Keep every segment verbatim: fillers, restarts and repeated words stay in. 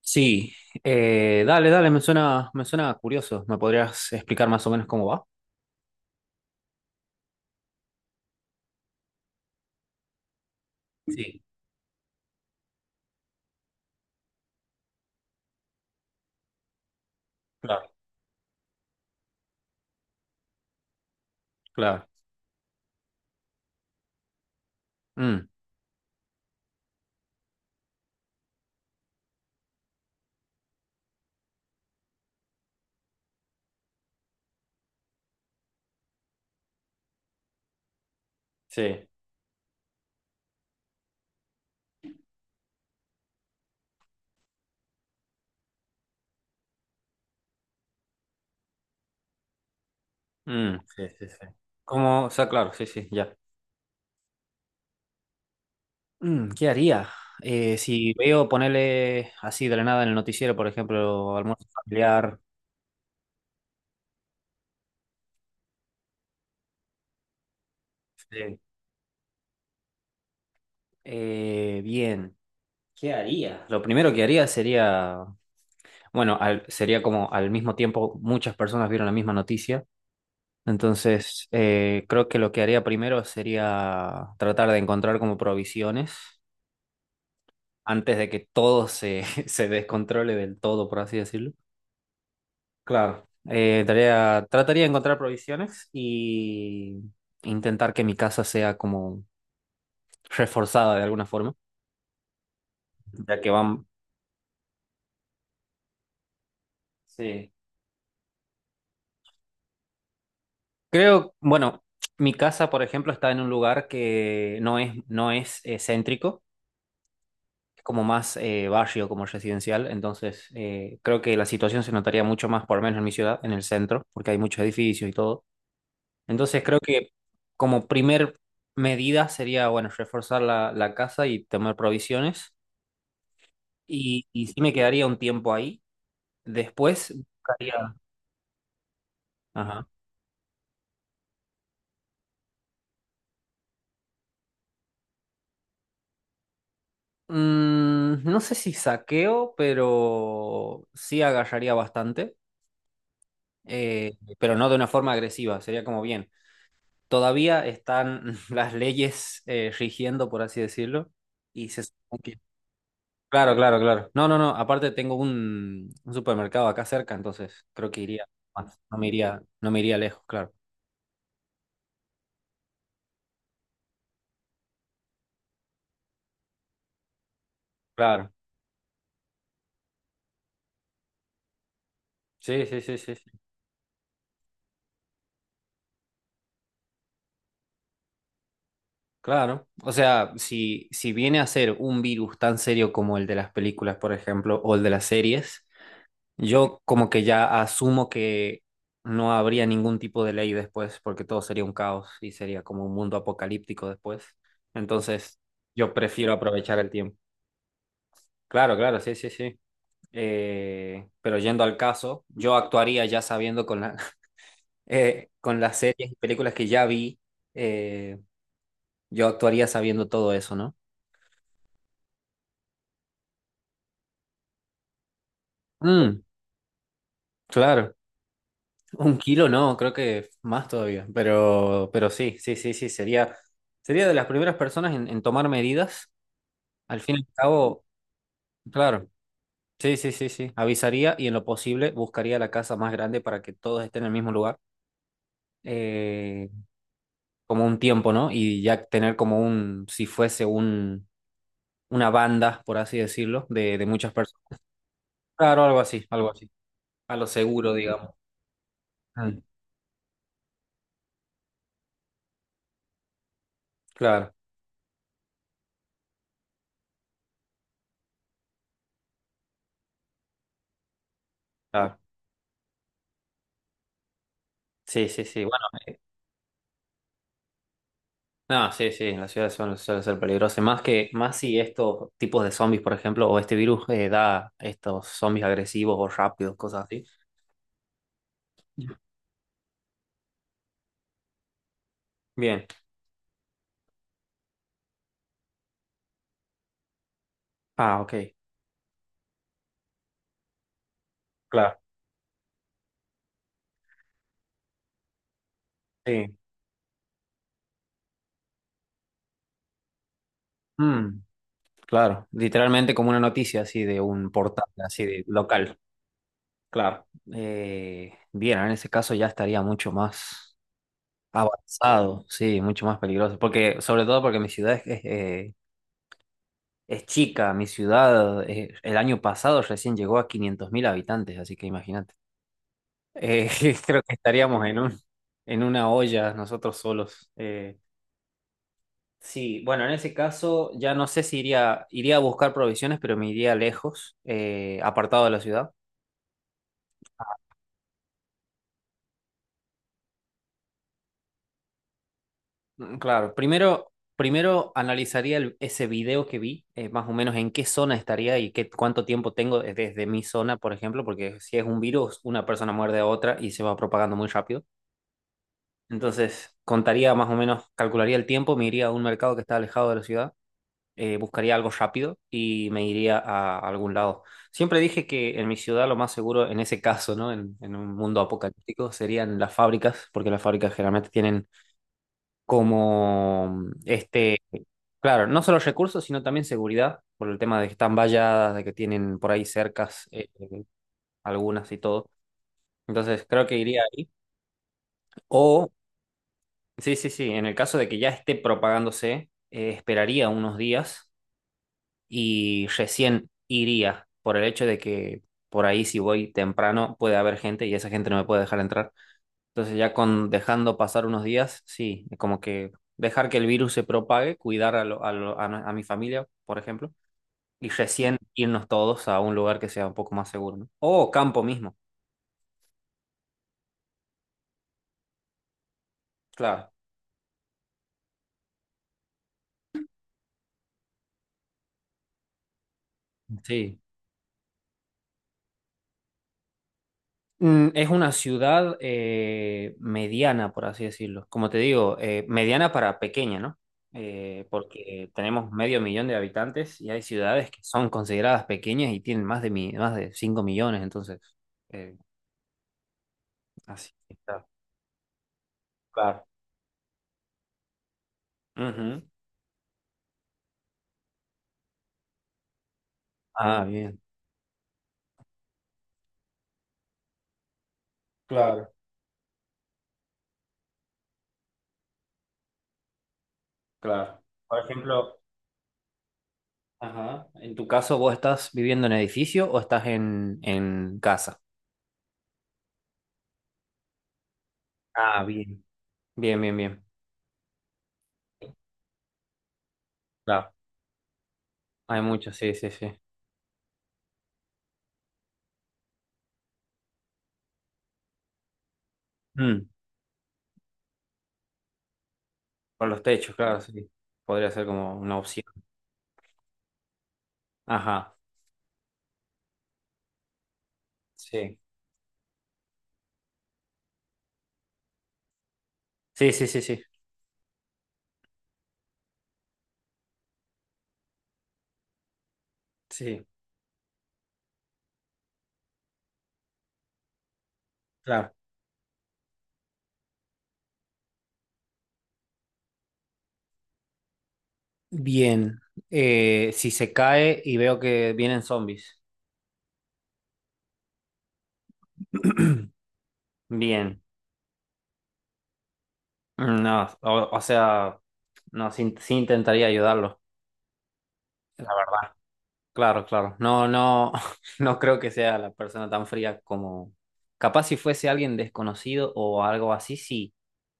Sí, eh, dale, dale, me suena, me suena curioso. ¿Me podrías explicar más o menos cómo va? Sí, claro, claro. Mm, sí, mm, sí, sí, sí. ¿Cómo? O sea, claro, sí, sí, ya. Mm, ¿qué haría? Eh, si veo ponerle así de la nada en el noticiero, por ejemplo, almuerzo familiar. Sí. Eh, bien, ¿qué haría? Lo primero que haría sería, bueno, al- sería como al mismo tiempo muchas personas vieron la misma noticia. Entonces, eh, creo que lo que haría primero sería tratar de encontrar como provisiones antes de que todo se, se descontrole del todo, por así decirlo. Claro. Eh, tarea- trataría de encontrar provisiones y intentar que mi casa sea como reforzada de alguna forma, ya que van... Sí. Creo, bueno, mi casa, por ejemplo, está en un lugar que no es, no es eh, céntrico. Es como más eh, barrio, como residencial, entonces eh, creo que la situación se notaría mucho más, por lo menos en mi ciudad, en el centro, porque hay muchos edificios y todo. Entonces creo que como primer medida sería, bueno, reforzar la, la casa y tomar provisiones. Y, y sí me quedaría un tiempo ahí. Después buscaría... Ajá. Mm, no sé si saqueo, pero sí agarraría bastante, eh, pero no de una forma agresiva, sería como bien. Todavía están las leyes eh, rigiendo, por así decirlo, y se supone que... Claro, claro, claro. No, no, no, aparte tengo un, un supermercado acá cerca, entonces creo que iría más, no me iría, no me iría lejos, claro. Claro. Sí, sí, sí, sí, sí. Claro. O sea, si, si viene a ser un virus tan serio como el de las películas, por ejemplo, o el de las series, yo como que ya asumo que no habría ningún tipo de ley después, porque todo sería un caos y sería como un mundo apocalíptico después. Entonces, yo prefiero aprovechar el tiempo. Claro, claro, sí, sí, sí. Eh, pero yendo al caso, yo actuaría ya sabiendo con la, eh, con las series y películas que ya vi, eh, yo actuaría sabiendo todo eso, ¿no? Mm, claro. Un kilo no, creo que más todavía, pero, pero sí, sí, sí, sí, sería, sería de las primeras personas en, en tomar medidas. Al fin y al cabo, claro, sí, sí, sí, sí, avisaría y en lo posible buscaría la casa más grande para que todos estén en el mismo lugar, eh, como un tiempo, ¿no? Y ya tener como un, si fuese un, una banda, por así decirlo, de, de muchas personas. Claro, algo así, algo así, a lo seguro, digamos. Mm, claro, claro, sí, sí, sí. No, sí, sí, en la ciudad suele, suele ser peligroso. Más que, más si estos tipos de zombies, por ejemplo, o este virus eh, da estos zombies agresivos o rápidos, cosas así. Bien. Ah, ok. Claro. Sí. Mm, claro. Literalmente como una noticia así de un portal, así de local. Claro. Eh, bien, en ese caso ya estaría mucho más avanzado, sí, mucho más peligroso. Porque, sobre todo porque mi ciudad es, Es chica, mi ciudad eh, el año pasado recién llegó a quinientos mil habitantes, así que imagínate. Eh, creo que estaríamos en un, en una olla nosotros solos. Eh, sí, bueno, en ese caso ya no sé si iría, iría a buscar provisiones, pero me iría lejos, eh, apartado de la ciudad. Mm, claro, primero, primero analizaría el- ese video que vi, eh, más o menos en qué zona estaría y qué, cuánto tiempo tengo desde mi zona, por ejemplo, porque si es un virus, una persona muerde a otra y se va propagando muy rápido. Entonces, contaría más o menos, calcularía el tiempo, me iría a un mercado que está alejado de la ciudad, eh, buscaría algo rápido y me iría a algún lado. Siempre dije que en mi ciudad lo más seguro, en ese caso, ¿no? En, en un mundo apocalíptico, serían las fábricas, porque las fábricas generalmente tienen como este, claro, no solo recursos, sino también seguridad, por el tema de que están valladas, de que tienen por ahí cercas, eh, algunas y todo. Entonces, creo que iría ahí. O sí, sí, sí. En el caso de que ya esté propagándose, eh, esperaría unos días y recién iría por el hecho de que por ahí si voy temprano puede haber gente y esa gente no me puede dejar entrar. Entonces ya con dejando pasar unos días, sí, como que dejar que el virus se propague, cuidar a, lo- a, lo- a no- a mi familia, por ejemplo, y recién irnos todos a un lugar que sea un poco más seguro, ¿no? O campo mismo, claro. Sí. Mm, es una ciudad eh, mediana, por así decirlo. Como te digo, eh, mediana para pequeña, ¿no? Eh, porque tenemos medio millón de habitantes y hay ciudades que son consideradas pequeñas y tienen más de, mi- más de cinco millones, entonces, eh, así que está. Claro. Ujú. Ah, bien. Claro, claro. Por ejemplo, ajá, en tu caso, ¿vos estás viviendo en edificio o estás en, en casa? Ah, bien. Bien, bien, bien. Claro. Hay muchos, sí, sí, sí. Mm. Con los techos, claro, sí. Podría ser como una opción. Ajá, sí. Sí, sí, sí, sí. Sí, claro. Bien. Eh, si se cae y veo que vienen zombies. Bien. No, o, o sea, no, sí, sí intentaría ayudarlo, la verdad. Claro, claro. No, no, no creo que sea la persona tan fría como... Capaz si fuese alguien desconocido o algo así, sí,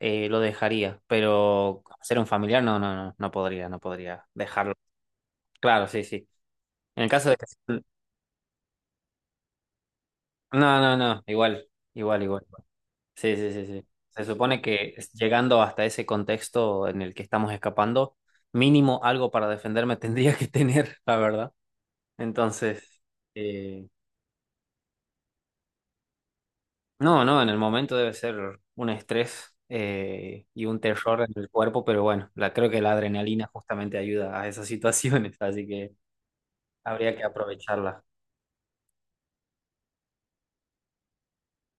eh, lo dejaría. Pero ser un familiar, no, no, no, no podría, no podría dejarlo. Claro, sí, sí. En el caso de que... No, no, no, igual, igual, igual. Igual. Sí, sí, sí, sí. Se supone que es- llegando hasta ese contexto en el que estamos escapando, mínimo algo para defenderme tendría que tener, la verdad. Entonces, eh, no, no, en el momento debe ser un estrés eh, y un terror en el cuerpo, pero bueno, la, creo que la adrenalina justamente ayuda a esas situaciones, así que habría que aprovecharla.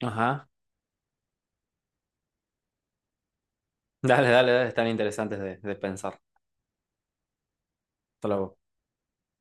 Ajá. Dale, dale, dale, están interesantes de, de pensar. Hasta luego.